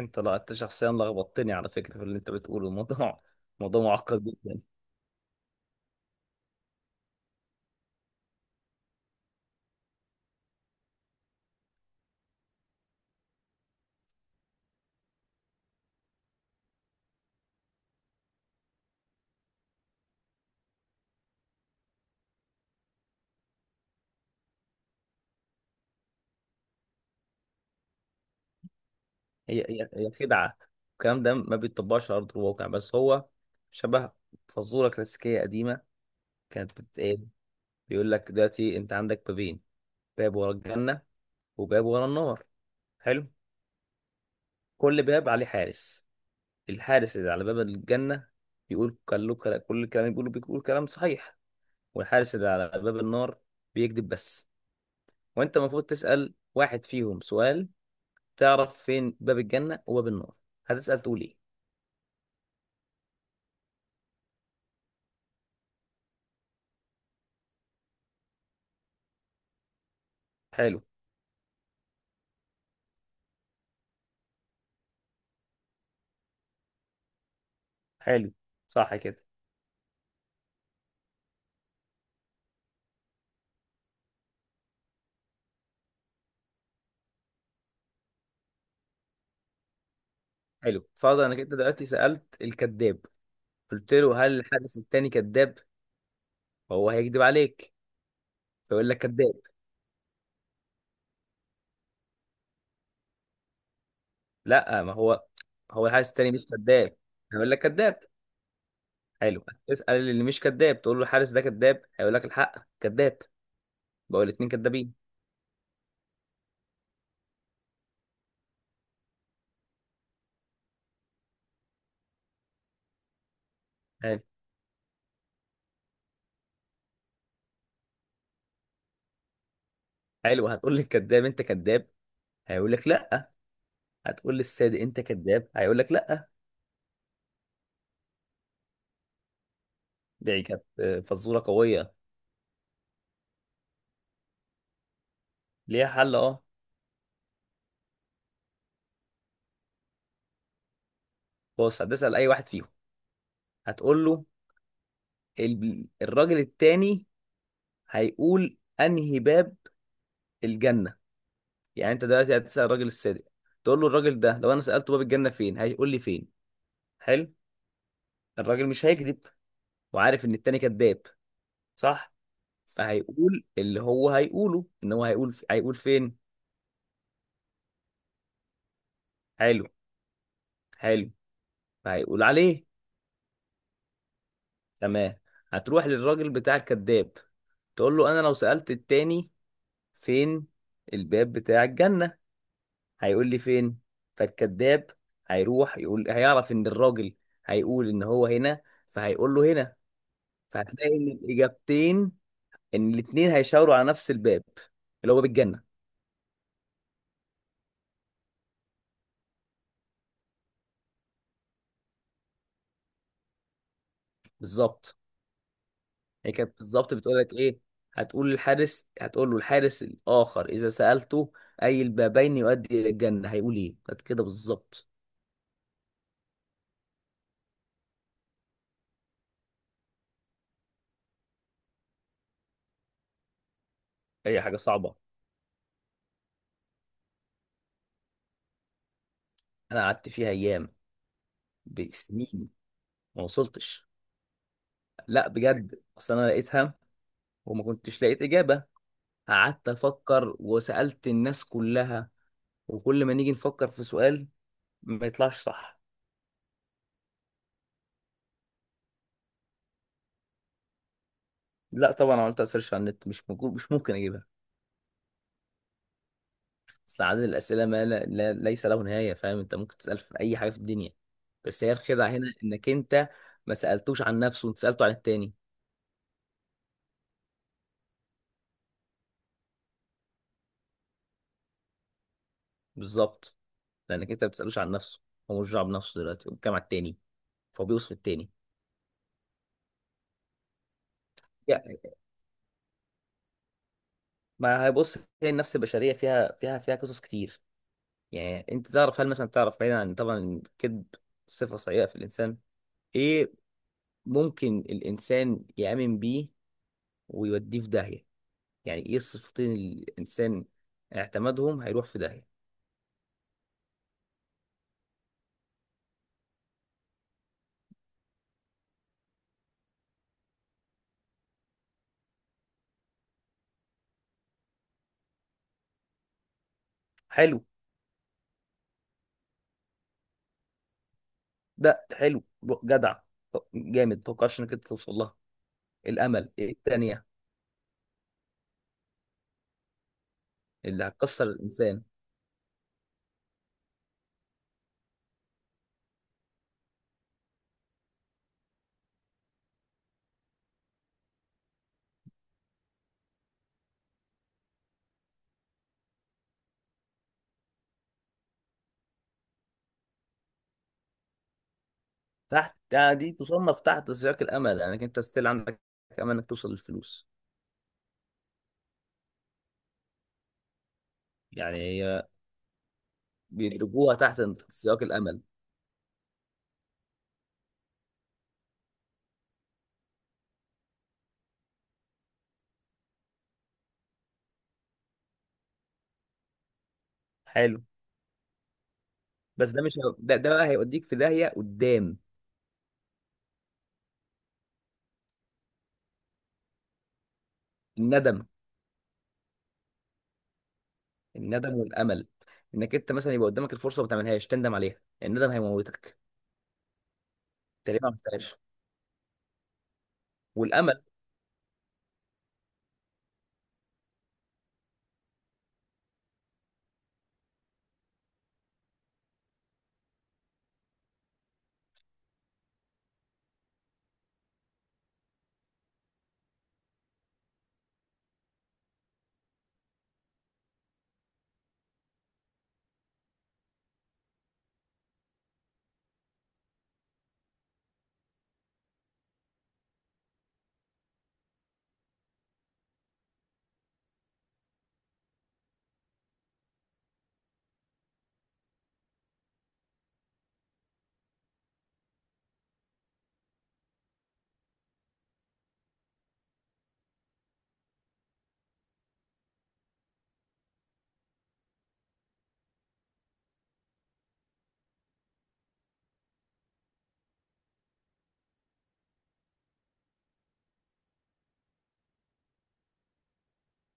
انت لا انت شخصيا لخبطتني على فكره في اللي انت بتقوله. الموضوع موضوع معقد جدا. هي خدعه. الكلام ده ما بيتطبقش على ارض الواقع، بس هو شبه فزوره كلاسيكيه قديمه كانت بتتقال. بيقول لك دلوقتي انت عندك بابين، باب ورا الجنه، وباب ورا النار. حلو. كل باب عليه حارس. الحارس اللي على باب الجنه بيقول كل الكلام اللي بيقوله، بيقول كلام صحيح. والحارس اللي على باب النار بيكذب بس. وانت المفروض تسأل واحد فيهم سؤال، تعرف فين باب الجنة وباب النار. هتسأل تقول ايه؟ حلو. حلو. صح كده. حلو. فرض انك انت دلوقتي سألت الكذاب، قلت له هل الحارس التاني كذاب، فهو هيكذب عليك، فيقول لك كذاب. لا، ما هو الحارس التاني مش كذاب، هيقول لك كذاب. حلو. اسأل اللي مش كذاب، تقول له الحارس ده كذاب، هيقول لك الحق كذاب. بقول الاتنين كذابين. حلو. حلو. هتقول للكذاب انت كذاب، هيقول لك لا. هتقول للصادق انت كذاب، هيقول لك لا. دي كانت فزوره قويه. ليها حل، اه. بص، هتسأل اي واحد فيهم، هتقول له الراجل التاني هيقول انهي باب الجنة. يعني انت دلوقتي هتسأل الراجل الصادق، تقول له الراجل ده لو انا سألته باب الجنة فين هيقول لي فين. حلو. الراجل مش هيكذب، وعارف ان التاني كذاب، صح؟ فهيقول اللي هو هيقوله، ان هو هيقول فين. حلو. حلو. فهيقول عليه. تمام. هتروح للراجل بتاع الكذاب، تقول له انا لو سألت التاني فين الباب بتاع الجنة، هيقول لي فين. فالكذاب هيروح يقول، هيعرف ان الراجل هيقول ان هو هنا، فهيقول له هنا. فهتلاقي ان الاجابتين، ان الاثنين هيشاوروا على نفس الباب، اللي هو باب الجنه. بالظبط. هي كانت بالظبط بتقول لك ايه، هتقول للحارس، هتقول له الحارس الاخر اذا سالته اي البابين يؤدي الى الجنه هيقول ايه. كانت كده بالظبط. هي حاجه صعبه. انا قعدت فيها ايام، بسنين ما وصلتش. لا بجد، اصل انا لقيتها، وما كنتش لقيت اجابه. قعدت افكر وسألت الناس كلها، وكل ما نيجي نفكر في سؤال ما يطلعش صح. لا طبعا، عملت سيرش على النت، مش موجود، مش ممكن اجيبها. اصل عدد الاسئله ما لا لا ليس له نهايه. فاهم، انت ممكن تسال في اي حاجه في الدنيا. بس هي الخدعه هنا انك انت ما سالتوش عن نفسه، انت سالته عن التاني. بالظبط. لانك انت ما بتسالوش عن نفسه، هو مش دعوه بنفسه دلوقتي، هو بيتكلم على التاني، فهو بيوصف التاني. يعني ما هيبص، هي النفس البشريه فيها قصص كتير. يعني انت تعرف، هل مثلا تعرف، بعيدا عن طبعا الكذب صفة سيئة في الانسان، ايه ممكن الانسان يأمن بيه ويوديه في داهية؟ يعني ايه الصفتين اللي الانسان اعتمدهم هيروح في داهية؟ حلو. ده حلو. جدع. جامد، متوقعش انك انت توصل لها. الامل. ايه التانية اللي هتكسر الانسان؟ تحت، يعني دي تصنف تحت سياق الامل، لانك انت ستيل عندك امل انك توصل للفلوس. يعني هي بيدرجوها تحت سياق الامل. حلو. بس ده مش ده، ده بقى هيوديك في داهيه قدام. الندم. الندم والامل. انك انت مثلا يبقى قدامك الفرصه وما تعملهاش تندم عليها، الندم هيموتك. تقريبا ما عملتهاش. والامل.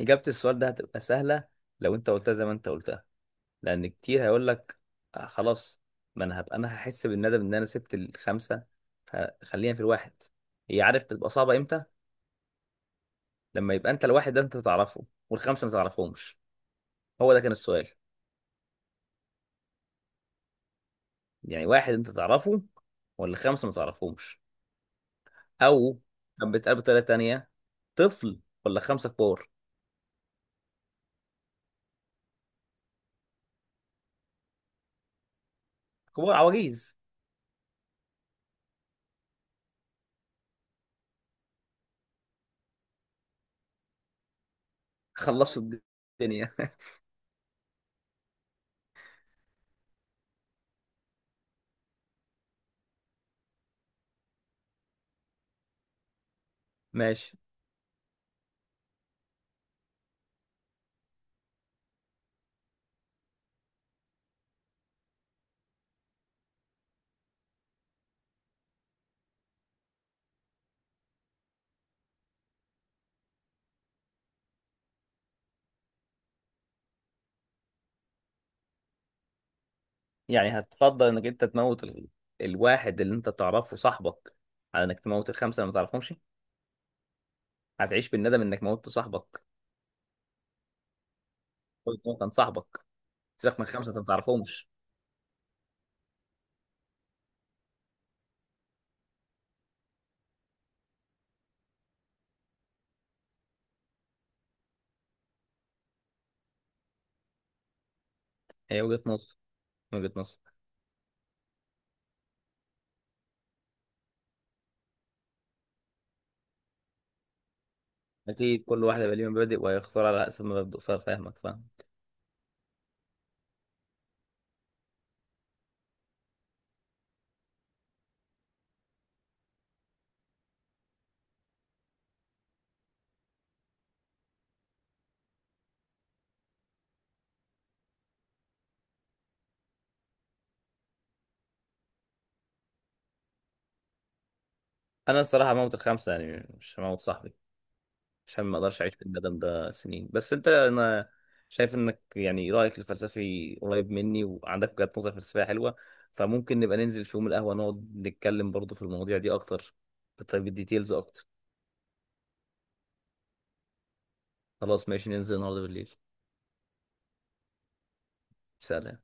اجابه السؤال ده هتبقى سهله لو انت قلتها زي ما انت قلتها. لان كتير هيقول لك آه خلاص، ما انا هبقى انا هحس بالندم ان انا سبت الخمسه، فخلينا في الواحد. هي، عارف بتبقى صعبه امتى؟ لما يبقى انت الواحد ده انت تعرفه والخمسه ما تعرفهمش. هو ده كان السؤال. يعني واحد انت تعرفه ولا خمسه ما تعرفهمش؟ او كان بيتقال بطريقه تانية، طفل ولا خمسه كبار؟ كبار عواجيز خلصوا الدنيا. ماشي. يعني هتفضل انك انت تموت الواحد اللي انت تعرفه صاحبك، على انك تموت الخمسه اللي ما تعرفهمش. هتعيش بالندم انك موتت صاحبك. قلت إن هو كان صاحبك. سيبك من خمسه انت ما تعرفهمش. هي وجهه نظر من وجهه نظر. اكيد كل واحد يبقى ليه مبادئ وهيختار على حسب مبادئه، فاهمك، فاهم. انا الصراحه هموت الخمسه يعني، مش هموت صاحبي، عشان ما اقدرش اعيش في الندم ده سنين. بس انا شايف انك يعني رايك الفلسفي قريب مني، وعندك وجهة نظر فلسفية حلوة. فممكن نبقى ننزل في يوم القهوة نقعد نتكلم برضو في المواضيع دي اكتر، بالديتيلز اكتر. خلاص ماشي، ننزل النهارده بالليل. سلام.